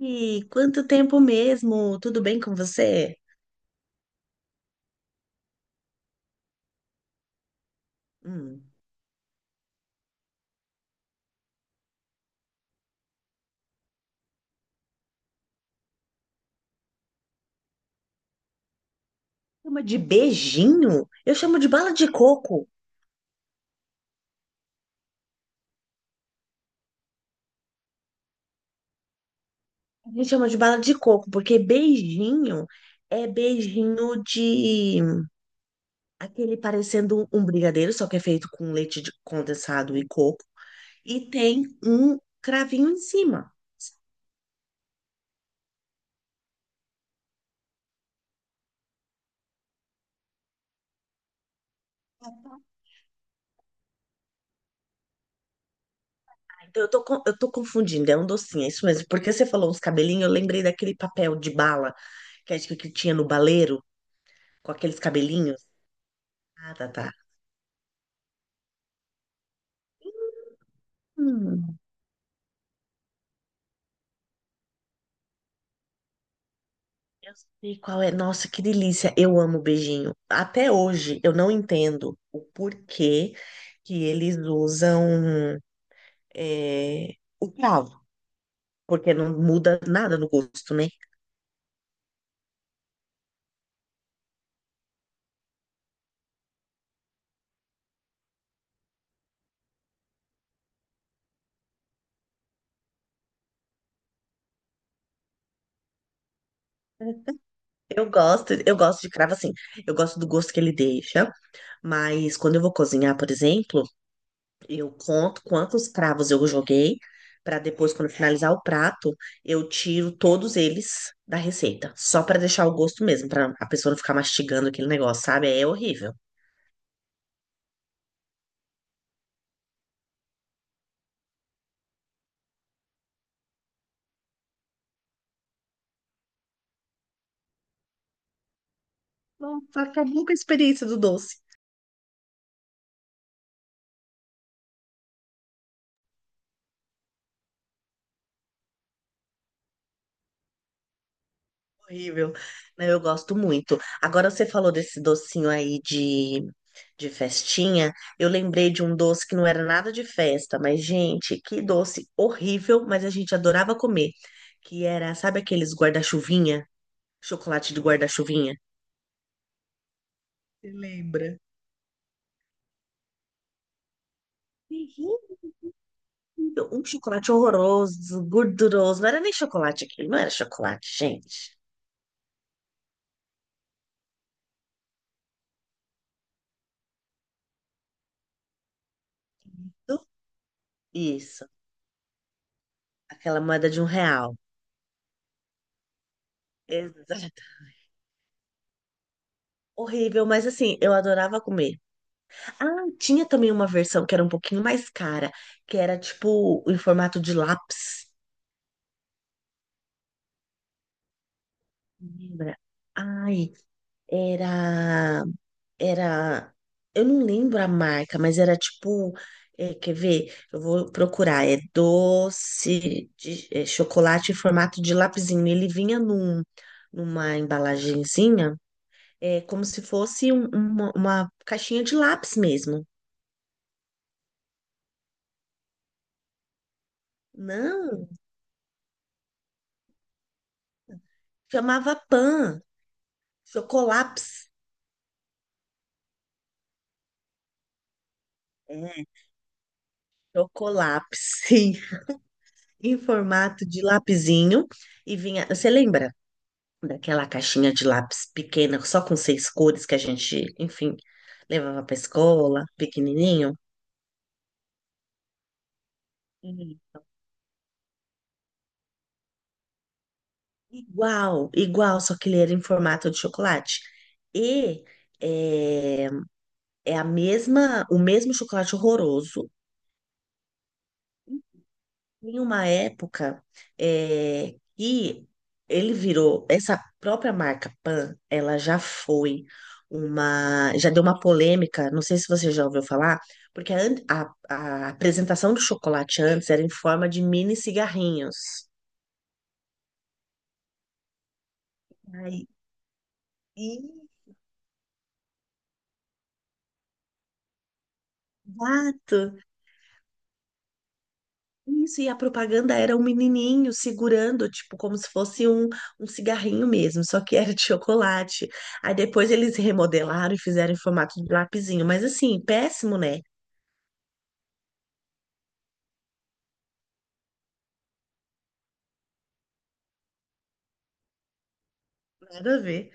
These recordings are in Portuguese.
Ui, quanto tempo mesmo? Tudo bem com você? Hum. Chama de beijinho? Eu chamo de bala de coco. A gente chama de bala de coco, porque beijinho é beijinho de aquele parecendo um brigadeiro, só que é feito com leite condensado e coco, e tem um cravinho em cima. Então eu tô confundindo, é um docinho, é isso mesmo. Porque você falou uns cabelinhos, eu lembrei daquele papel de bala que acho que tinha no baleiro, com aqueles cabelinhos. Ah, tá, tá. Hum, eu sei qual é. Nossa, que delícia. Eu amo beijinho. Até hoje eu não entendo o porquê que eles usam é, o cravo, porque não muda nada no gosto, né? Eu gosto de cravo assim. Eu gosto do gosto que ele deixa, mas quando eu vou cozinhar, por exemplo, eu conto quantos cravos eu joguei, para depois, quando finalizar o prato, eu tiro todos eles da receita, só para deixar o gosto mesmo, para a pessoa não ficar mastigando aquele negócio, sabe? É horrível. Nossa, acabou com a experiência do doce. Horrível. Não, eu gosto muito. Agora você falou desse docinho aí de festinha. Eu lembrei de um doce que não era nada de festa, mas, gente, que doce horrível, mas a gente adorava comer. Que era, sabe aqueles guarda-chuvinha? Chocolate de guarda-chuvinha. Você lembra? Terrível. Um chocolate horroroso, gorduroso. Não era nem chocolate aquilo, não era chocolate, gente. Isso. Aquela moeda de um real. Exato. Horrível, mas assim, eu adorava comer. Ah, tinha também uma versão que era um pouquinho mais cara, que era tipo em formato de lápis. Lembra? Ai, era. Era. Eu não lembro a marca, mas era tipo. Quer ver? Eu vou procurar. É doce de chocolate em formato de lapisinho. Ele vinha numa embalagenzinha, como se fosse uma caixinha de lápis mesmo. Não, chamava Pan, chocolapes. É, chocolapes, sim. Em formato de lapisinho. E vinha. Você lembra? Daquela caixinha de lápis pequena, só com seis cores que a gente, enfim, levava pra escola, pequenininho. Uhum. Igual, igual, só que ele era em formato de chocolate. E é, é a mesma, o mesmo chocolate horroroso. Em uma época que ele virou, essa própria marca Pan, ela já foi uma, já deu uma polêmica, não sei se você já ouviu falar, porque a apresentação do chocolate antes era em forma de mini cigarrinhos. Ai, exato! Isso, e a propaganda era um menininho segurando, tipo, como se fosse um cigarrinho mesmo, só que era de chocolate. Aí depois eles remodelaram e fizeram em formato de lapisinho, mas assim, péssimo, né? Nada a ver.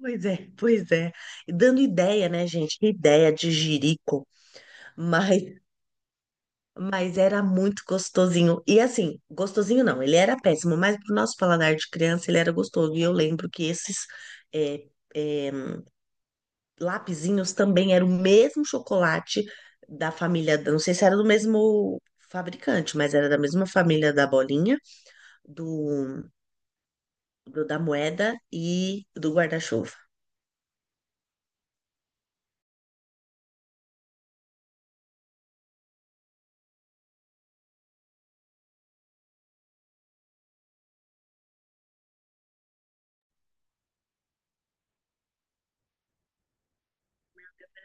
Pois é, pois é. E dando ideia, né, gente? Que ideia de jirico, mas, mas era muito gostosinho. E assim, gostosinho não, ele era péssimo, mas pro nosso paladar de criança ele era gostoso. E eu lembro que esses, é, é, lapisinhos também era o mesmo chocolate da família, não sei se era do mesmo fabricante, mas era da mesma família da bolinha, do, da moeda e do guarda-chuva.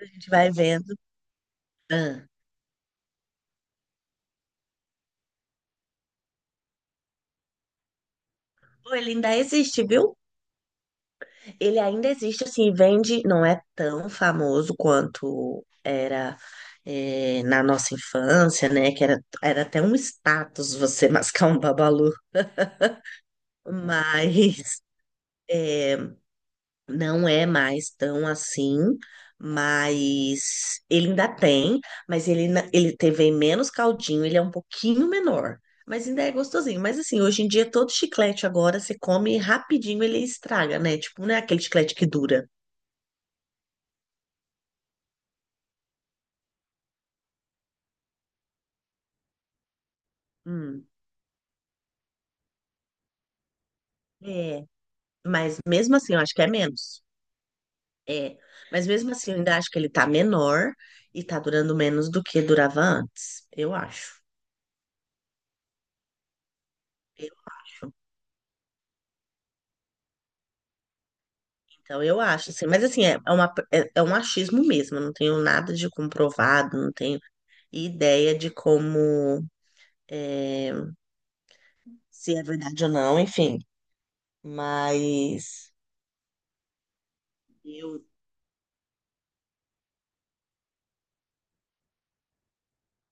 A gente vai vendo. Ah. Pô, ele ainda existe, viu? Ele ainda existe, assim, vende, não é tão famoso quanto era na nossa infância, né? Que era, era até um status você mascar um babalu, mas é, Não é mais tão assim, mas ele ainda tem, mas ele teve menos caldinho, ele é um pouquinho menor, mas ainda é gostosinho. Mas assim, hoje em dia todo chiclete agora você come rapidinho, ele estraga, né? Tipo, não é aquele chiclete que dura. Hum. É, mas mesmo assim, eu acho que é menos. É, mas mesmo assim, eu ainda acho que ele tá menor e tá durando menos do que durava antes, eu acho. Eu Então, eu acho, assim, mas assim, é um achismo mesmo, eu não tenho nada de comprovado, não tenho ideia de como, é, se é verdade ou não, enfim, mas eu,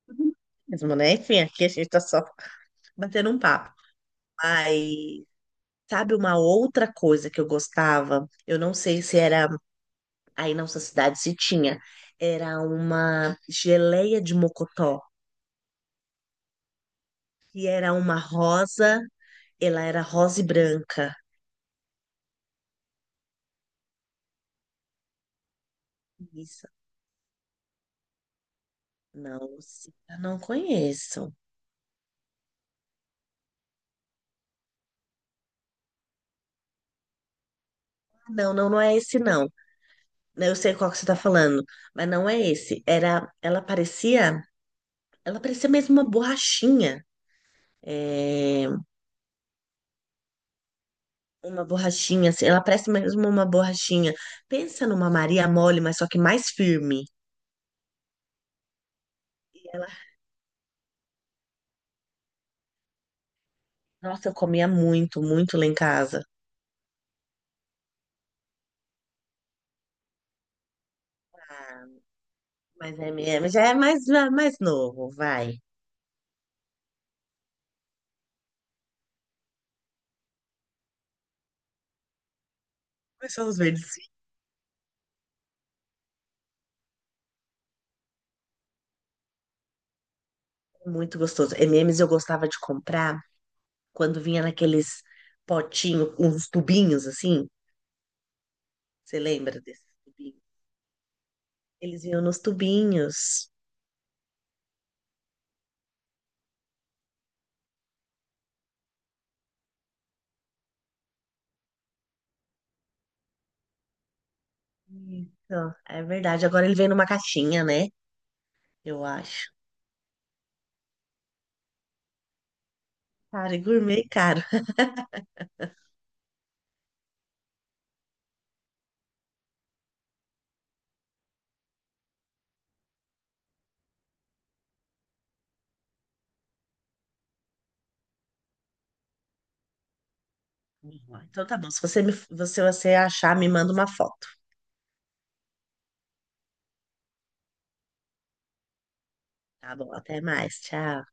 mesmo, né? Enfim, aqui a gente tá só batendo um papo. Mas, sabe uma outra coisa que eu gostava? Eu não sei se era aí na nossa cidade se tinha. Era uma geleia de mocotó, que era uma rosa, ela era rosa e branca. Não, sim, eu não conheço. Não, não, não é esse não. Eu sei qual que você tá falando, mas não é esse. Era, ela parecia mesmo uma borrachinha. É, uma borrachinha, assim, ela parece mesmo uma borrachinha. Pensa numa Maria mole, mas só que mais firme. E ela, nossa, eu comia muito, muito lá em casa. Ah, mas MM já é mais novo, vai. Mas são os verdes. Muito gostoso. MMs eu gostava de comprar, quando vinha naqueles potinhos, uns tubinhos assim. Você lembra desses tubinhos? Eles vinham nos tubinhos. Isso, é verdade. Agora ele vem numa caixinha, né? Eu acho. Cara, e gourmet caro. Então tá bom. Se você achar, me manda uma foto. Tá bom, até mais. Tchau.